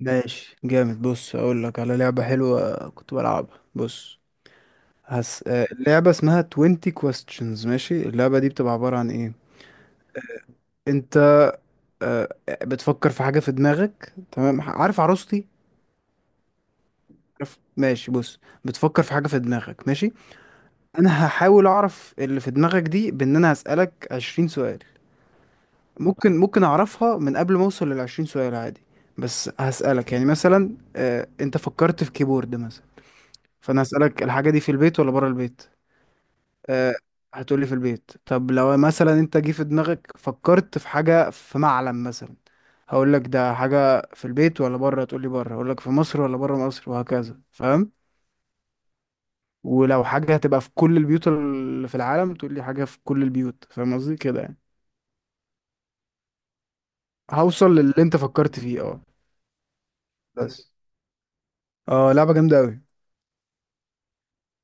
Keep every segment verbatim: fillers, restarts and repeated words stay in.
ماشي، جامد. بص، اقول لك على لعبة حلوة كنت بلعبها. بص، هس... آه، اللعبة اسمها twenty questions. ماشي، اللعبة دي بتبقى عبارة عن ايه؟ انت بتفكر في حاجة في دماغك، تمام؟ ح- عارف عروستي؟ عارف؟ ماشي، بص. بتفكر في حاجة في دماغك، ماشي. انا هحاول اعرف اللي في دماغك دي بان انا هسألك عشرين سؤال. ممكن ممكن اعرفها من قبل ما اوصل لل عشرين سؤال، عادي. بس هسألك يعني مثلا، آه، انت فكرت في كيبورد مثلا، فانا هسألك الحاجة دي في البيت ولا بره البيت. آه، هتقولي في البيت. طب لو مثلا انت جه في دماغك فكرت في حاجة، في معلم مثلا، هقول لك ده حاجة في البيت ولا بره، تقولي بره، هقول لك في مصر ولا بره مصر، وهكذا. فاهم؟ ولو حاجة هتبقى في كل البيوت اللي في العالم، تقولي حاجة في كل البيوت. فاهم قصدي كده يعني؟ هوصل للي انت فكرت فيه، اه. بس، اه، لعبة جامدة قوي.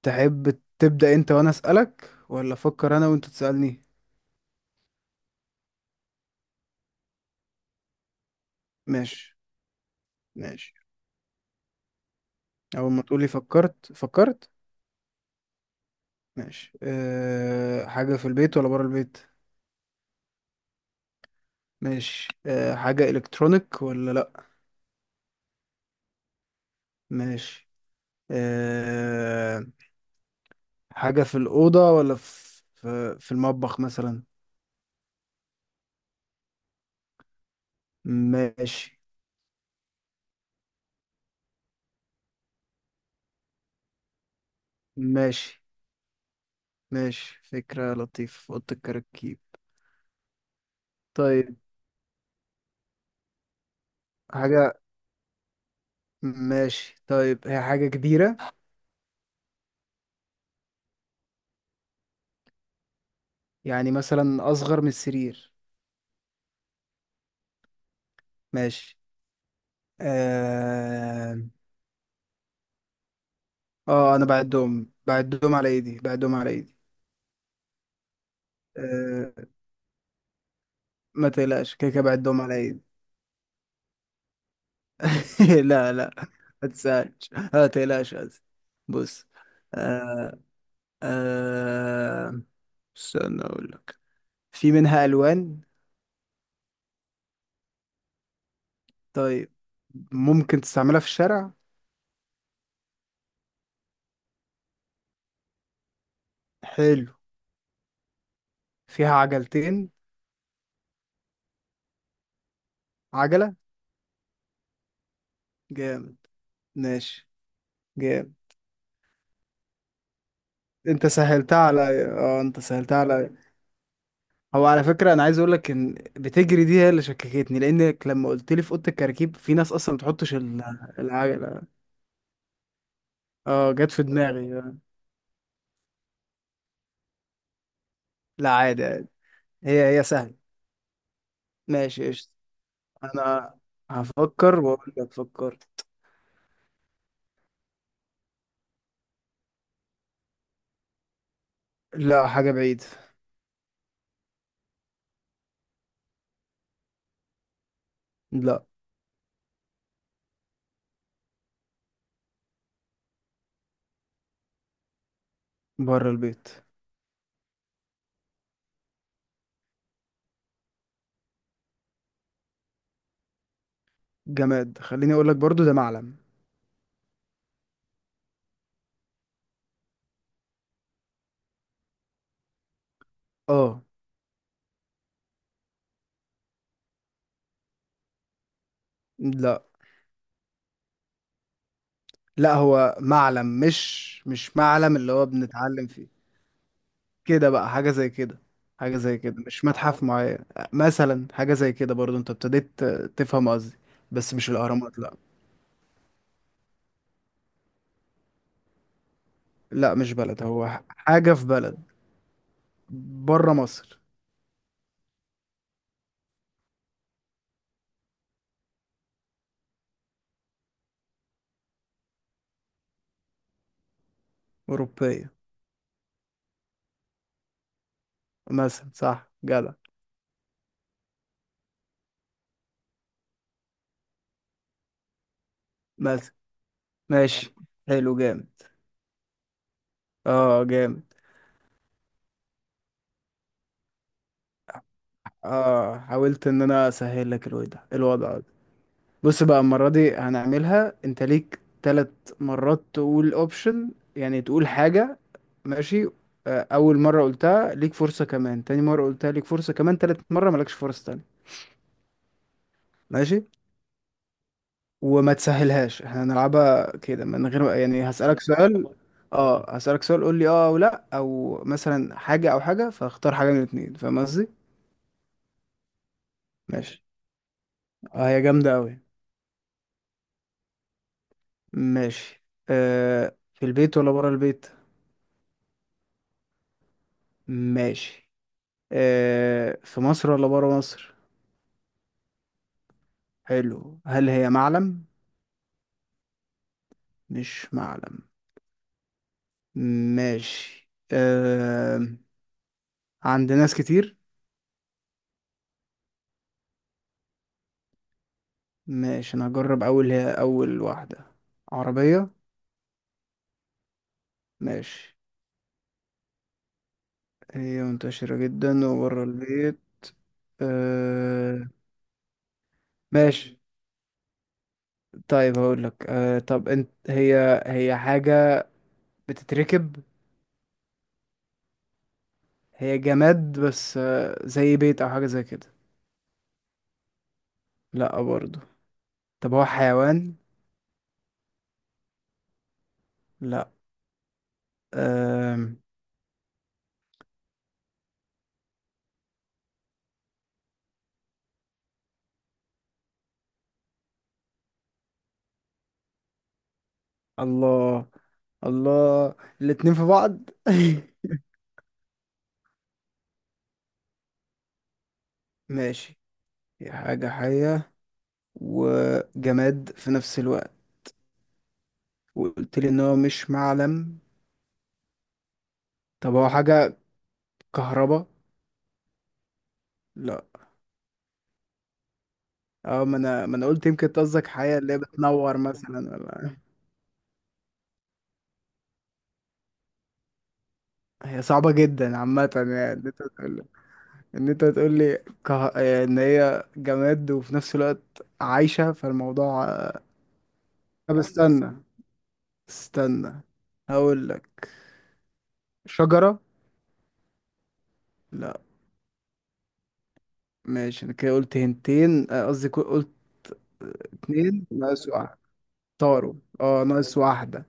تحب تبدأ انت وانا اسألك، ولا افكر انا وانت تسألني؟ ماشي، ماشي. اول ما تقولي فكرت فكرت. ماشي. أه حاجة في البيت ولا برا البيت؟ ماشي. أه حاجة إلكترونيك ولا لأ؟ ماشي. أه حاجة في الأوضة ولا في في المطبخ مثلا؟ ماشي. ماشي، ماشي. فكرة لطيفة في أوضة الكراكيب. طيب، حاجة. ماشي. طيب، هي حاجة كبيرة؟ يعني مثلا أصغر من السرير؟ ماشي. اه. آه، أنا بعدهم بعدهم على إيدي، بعدهم على إيدي. آه، ما تقلقش، كده كده بعدهم على ايدي. لا، لا، ما تسألش، ما تقلقش، قصدي. بص. آه آه استنى اقول لك. في منها الوان؟ طيب. ممكن تستعملها في الشارع؟ حلو. فيها عجلتين؟ عجلة؟ جامد. ماشي، جامد. انت سهلتها على، اه، انت سهلتها على. هو على فكرة انا عايز اقول لك ان بتجري دي هي اللي شككتني، لانك لما قلت لي في اوضة الكراكيب، في ناس اصلا ما بتحطش ال- العجلة. اه، جت في دماغي. لا، عادي، عادي. هي هي سهلة. ماشي، قشطة. انا هفكر واقول لك فكر. لا، حاجة بعيدة. لا، بره البيت. جماد، خليني اقول لك برضو، ده معلم. اه. لا، لا، هو معلم، مش مش معلم اللي هو بنتعلم فيه. كده بقى حاجة زي كده. حاجة زي كده، مش متحف معين. مثلا حاجة زي كده برضو انت ابتديت تفهم قصدي. بس مش الأهرامات لا. لا، مش بلد، هو حاجة في بلد. بره مصر. أوروبية. مثلا، صح، جدع. مثلا. ماشي، حلو، جامد. اه، جامد. اه، حاولت ان انا اسهل لك الوضع الوضع ده. بص بقى، المرة دي هنعملها، انت ليك ثلاث مرات تقول اوبشن، يعني تقول حاجة، ماشي. آه، اول مرة قلتها ليك فرصة كمان، تاني مرة قلتها ليك فرصة كمان، تالت مرة مالكش فرصة تانية. ماشي. وما تسهلهاش، احنا هنلعبها كده من غير، يعني هسألك سؤال. اه، هسألك سؤال، قول لي اه او لا، او مثلا حاجة او حاجة، فاختار حاجة من الاتنين. فاهم قصدي؟ ماشي. اه، هي جامدة اوي. ماشي. آه في البيت ولا برا البيت؟ ماشي. آه في مصر ولا برا مصر؟ حلو. هل هي معلم؟ مش معلم. ماشي. آه عند ناس كتير؟ ماشي، انا هجرب اول. هي اول واحدة، عربية؟ ماشي. هي منتشرة جدا وبره البيت. آه... ماشي. طيب، هقول لك، آه... طب انت، هي هي حاجة بتتركب؟ هي جماد، بس آه... زي بيت او حاجة زي كده؟ لا برضو. طب هو حيوان؟ لا. آه... الله، الله، الاتنين في بعض. ماشي، هي حاجة حية وجماد في نفس الوقت، وقلت لي ان هو مش معلم. طب هو حاجة كهربا؟ لا. اه، ما انا ما انا قلت يمكن أنت قصدك حياة اللي هي بتنور مثلا ولا إيه؟ هي صعبة جدا عامة يعني، ان انت تقول، ان انت تقول لي كه... ان هي جماد وفي نفس الوقت عايشة، فالموضوع. طب استنى، استنى، هقول لك. شجرة؟ لا. ماشي، انا كده قلت هنتين، آه، قصدي كو- قلت اتنين، ناقص واحد. طاروا. اه، ناقص واحدة.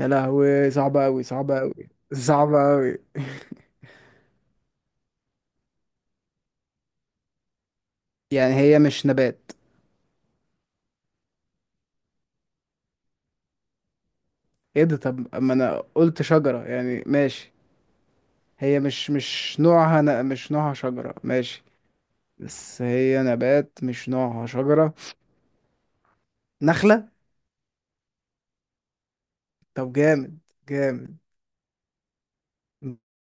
يا لهوي، صعبة اوي، صعبة اوي، صعبة اوي. يعني هي مش نبات؟ ايه ده، طب ما انا قلت شجرة يعني ماشي. هي مش مش نوعها ن... مش نوعها شجرة، ماشي. بس هي نبات مش نوعها شجرة، نخلة؟ طب جامد، جامد،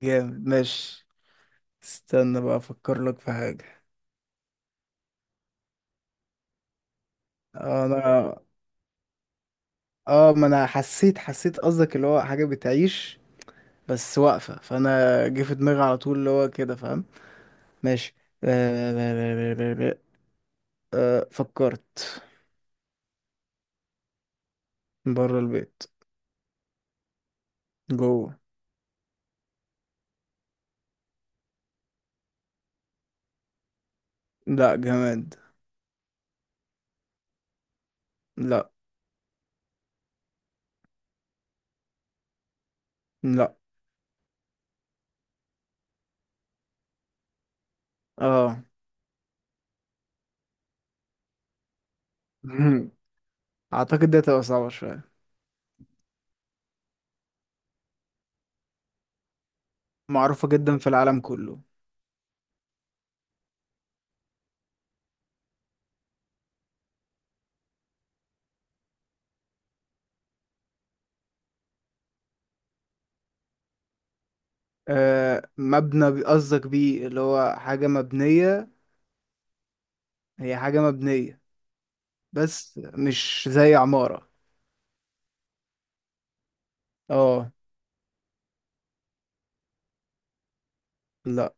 جامد. ماشي، استنى بقى افكر لك في حاجة. انا، اه، ما انا حسيت، حسيت قصدك اللي هو حاجة بتعيش بس واقفة، فانا جه في دماغي على طول اللي هو كده. فاهم؟ ماشي. آه... آه... فكرت. بره البيت. جوه. لا، جماد. لا. لا. اه. مهم. اعتقد دي هتبقى صعبة شوية. معروفة جدا في العالم كله. آه مبنى، بي- قصدك بيه، اللي هو حاجة مبنية؟ هي حاجة مبنية، بس مش زي عمارة. اه. لا.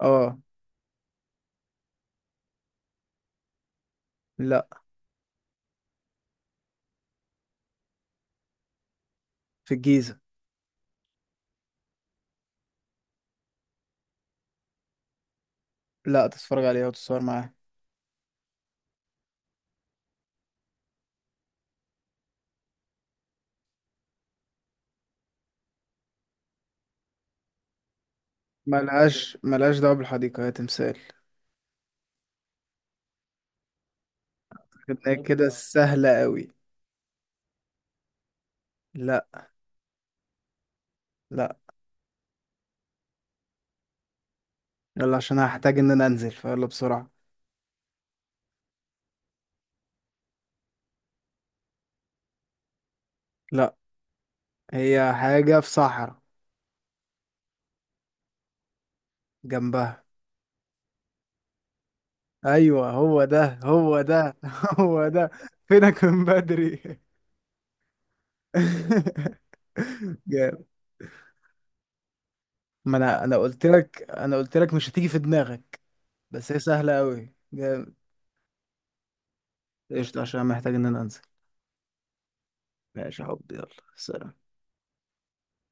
اه. لا. في الجيزة. لا، تتفرج عليها وتتصور معاها. ملهاش ملهاش دعوة بالحديقة، هي تمثال. خدناها كده سهلة قوي. لا. لا. يلا، عشان هحتاج ان انا انزل فيلا بسرعة. لا. هي حاجة في صحراء، جنبها. ايوه، هو ده، هو ده! هو ده. فينك من بدري؟ جامد. ما انا انا قلت لك، انا قلت لك، مش هتيجي في دماغك. بس هي سهله قوي. جامد. قشطه، عشان محتاج ان انا انزل. ماشي يا حبيبي، يلا. سلام.